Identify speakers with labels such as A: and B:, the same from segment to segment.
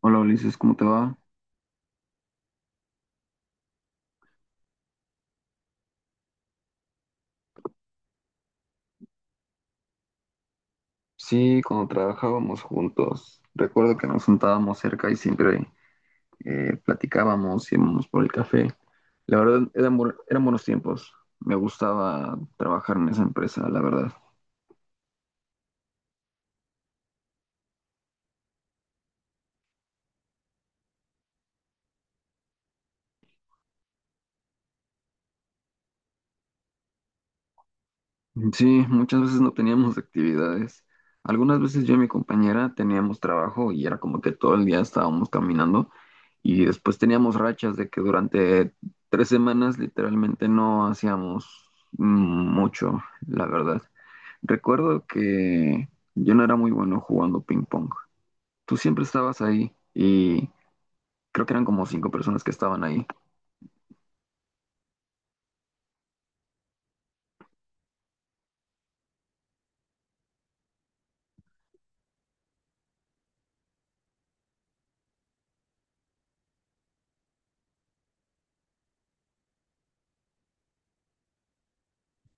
A: Hola Ulises, ¿cómo te va? Sí, cuando trabajábamos juntos, recuerdo que nos sentábamos cerca y siempre platicábamos, íbamos por el café. La verdad, eran buenos tiempos. Me gustaba trabajar en esa empresa, la verdad. Sí, muchas veces no teníamos actividades. Algunas veces yo y mi compañera teníamos trabajo y era como que todo el día estábamos caminando y después teníamos rachas de que durante 3 semanas literalmente no hacíamos mucho, la verdad. Recuerdo que yo no era muy bueno jugando ping pong. Tú siempre estabas ahí y creo que eran como cinco personas que estaban ahí.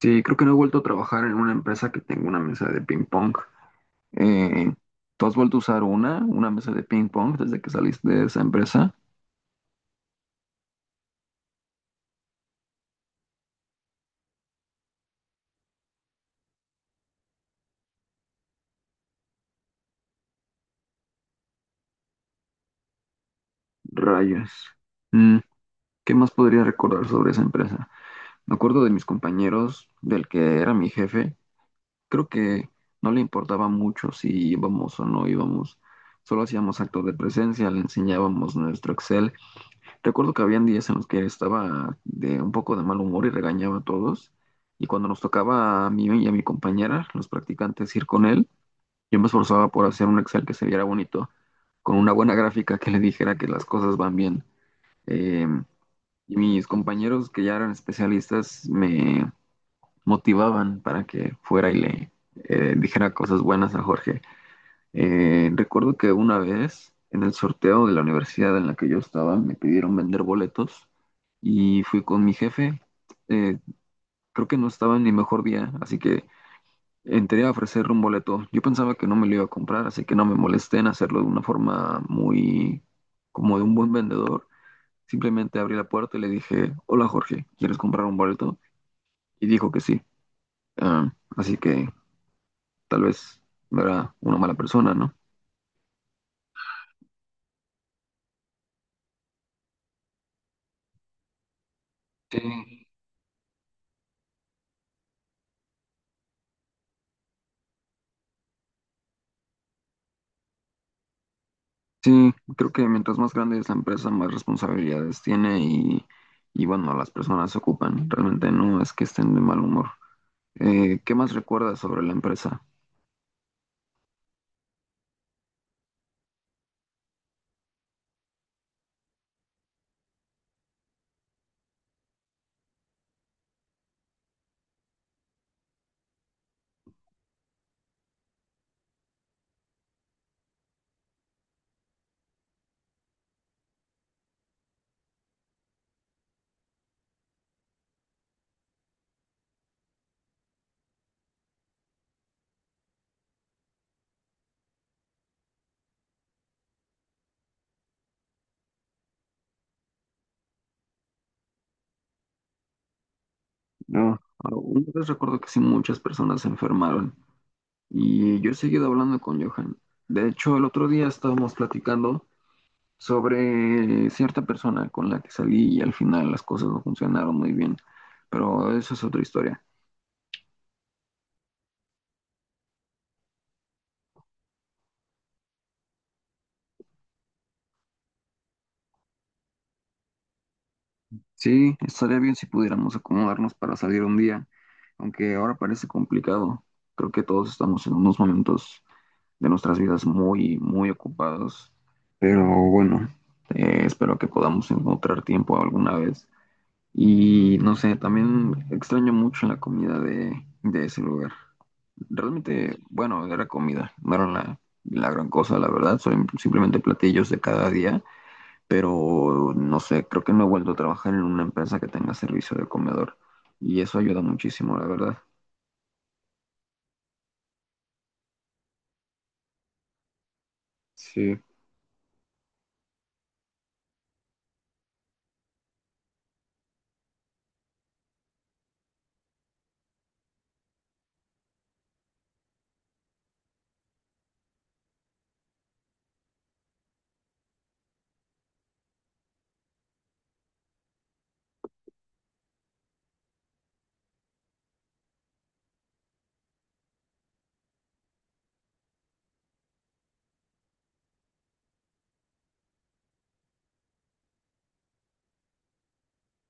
A: Sí, creo que no he vuelto a trabajar en una empresa que tenga una mesa de ping pong. Eh, ¿Tú has vuelto a usar una mesa de ping pong desde que saliste de esa empresa? Rayos. Mm, ¿Qué más podría recordar sobre esa empresa? Me acuerdo de mis compañeros, del que era mi jefe, creo que no le importaba mucho si íbamos o no íbamos. Solo hacíamos actos de presencia, le enseñábamos nuestro Excel. Recuerdo que habían días en los que estaba de un poco de mal humor y regañaba a todos. Y cuando nos tocaba a mí y a mi compañera, los practicantes, ir con él, yo me esforzaba por hacer un Excel que se viera bonito, con una buena gráfica que le dijera que las cosas van bien. Eh, y mis compañeros que ya eran especialistas me motivaban para que fuera y le dijera cosas buenas a Jorge. Recuerdo que una vez en el sorteo de la universidad en la que yo estaba me pidieron vender boletos y fui con mi jefe. Eh, creo que no estaba en mi mejor día, así que entré a ofrecerle un boleto. Yo pensaba que no me lo iba a comprar, así que no me molesté en hacerlo de una forma muy como de un buen vendedor. Simplemente abrí la puerta y le dije, hola Jorge, ¿quieres comprar un boleto? Y dijo que sí. Ah, así que tal vez no era una mala persona, ¿no? Sí, sí, creo que mientras más grande es la empresa, más responsabilidades tiene y bueno, las personas se ocupan. Realmente no es que estén de mal humor. ¿Qué más recuerdas sobre la empresa? No, una vez recuerdo que sí muchas personas se enfermaron y yo he seguido hablando con Johan. De hecho, el otro día estábamos platicando sobre cierta persona con la que salí y al final las cosas no funcionaron muy bien, pero eso es otra historia. Sí, estaría bien si pudiéramos acomodarnos para salir un día, aunque ahora parece complicado. Creo que todos estamos en unos momentos de nuestras vidas muy, muy ocupados, pero bueno, espero que podamos encontrar tiempo alguna vez. Y no sé, también extraño mucho la comida de ese lugar. Realmente, bueno, era comida, no era la gran cosa, la verdad, son simplemente platillos de cada día, pero no sé, creo que no he vuelto a trabajar en una empresa que tenga servicio de comedor y eso ayuda muchísimo, la verdad. Sí,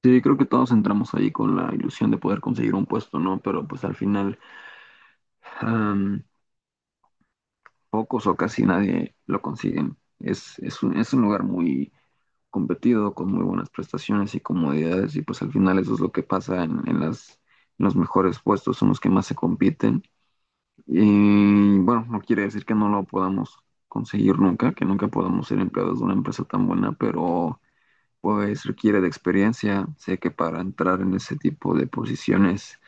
A: sí, creo que todos entramos ahí con la ilusión de poder conseguir un puesto, ¿no? Pero pues al final am, pocos o casi nadie lo consiguen. Es un lugar muy competido, con muy buenas prestaciones y comodidades y pues al final eso es lo que pasa en los mejores puestos, son los que más se compiten. Y bueno, no quiere decir que no lo podamos conseguir nunca, que nunca podamos ser empleados de una empresa tan buena, pero pues requiere de experiencia. Sé que para entrar en ese tipo de posiciones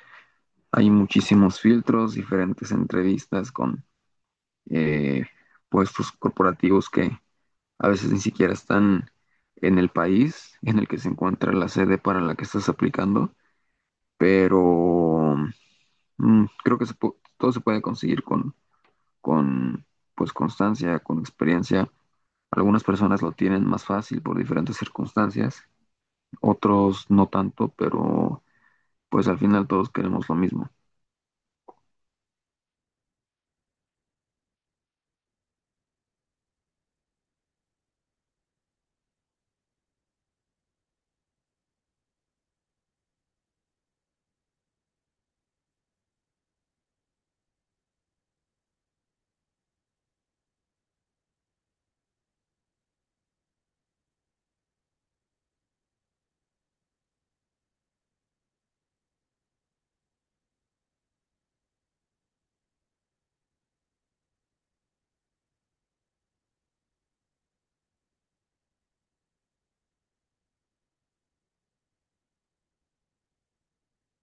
A: hay muchísimos filtros, diferentes entrevistas con eh, puestos corporativos que a veces ni siquiera están en el país en el que se encuentra la sede para la que estás aplicando, pero creo que todo se puede conseguir con con pues constancia, con experiencia. Algunas personas lo tienen más fácil por diferentes circunstancias, otros no tanto, pero pues al final todos queremos lo mismo.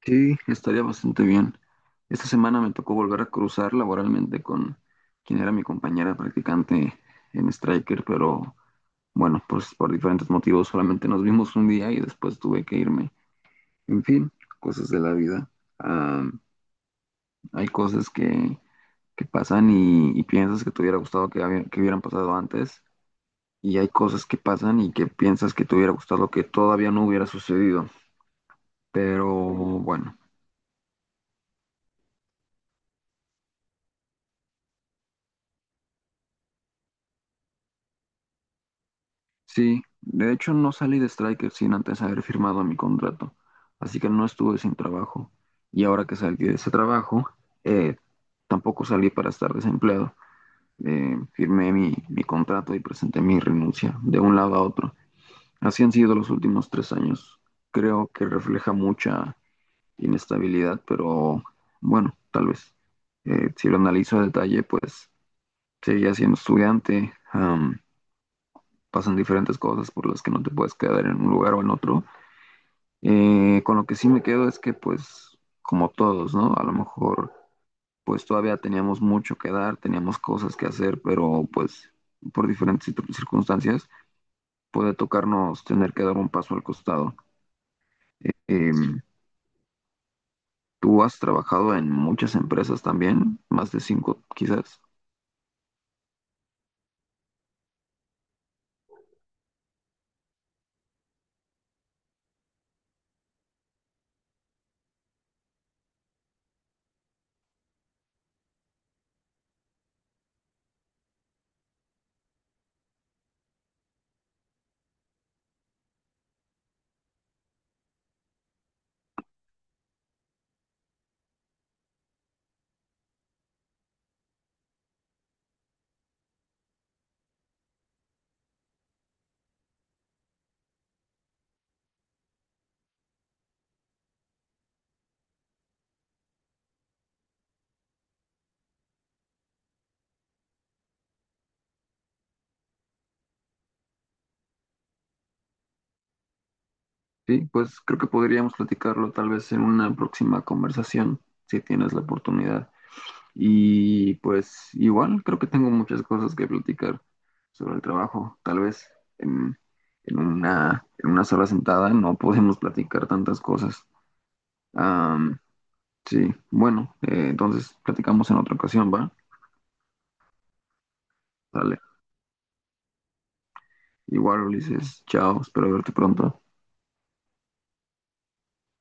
A: Sí, estaría bastante bien. Esta semana me tocó volver a cruzar laboralmente con quien era mi compañera practicante en Striker, pero bueno, pues por diferentes motivos solamente nos vimos un día y después tuve que irme. En fin, cosas de la vida. Ah, hay cosas que pasan y piensas que, te hubiera gustado que hubieran pasado antes. Y hay cosas que pasan y que piensas que te hubiera gustado que todavía no hubiera sucedido. Pero bueno, sí. De hecho, no salí de Striker sin antes haber firmado mi contrato. Así que no estuve sin trabajo. Y ahora que salí de ese trabajo, eh, tampoco salí para estar desempleado. Firmé mi contrato y presenté mi renuncia de un lado a otro. Así han sido los últimos 3 años. Creo que refleja mucha inestabilidad, pero bueno, tal vez. Si lo analizo a detalle, pues seguía siendo estudiante, am, pasan diferentes cosas por las que no te puedes quedar en un lugar o en otro. Con lo que sí me quedo es que, pues, como todos, ¿no? A lo mejor, pues todavía teníamos mucho que dar, teníamos cosas que hacer, pero pues por diferentes circunstancias puede tocarnos tener que dar un paso al costado. Em, tú has trabajado en muchas empresas también, más de cinco quizás. Sí, pues creo que podríamos platicarlo tal vez en una próxima conversación, si tienes la oportunidad. Y pues igual creo que tengo muchas cosas que platicar sobre el trabajo. Tal vez en, en una sola sentada no podemos platicar tantas cosas. Am, sí, bueno, entonces platicamos en otra ocasión, ¿va? Dale. Igual, Ulises, chao, espero verte pronto.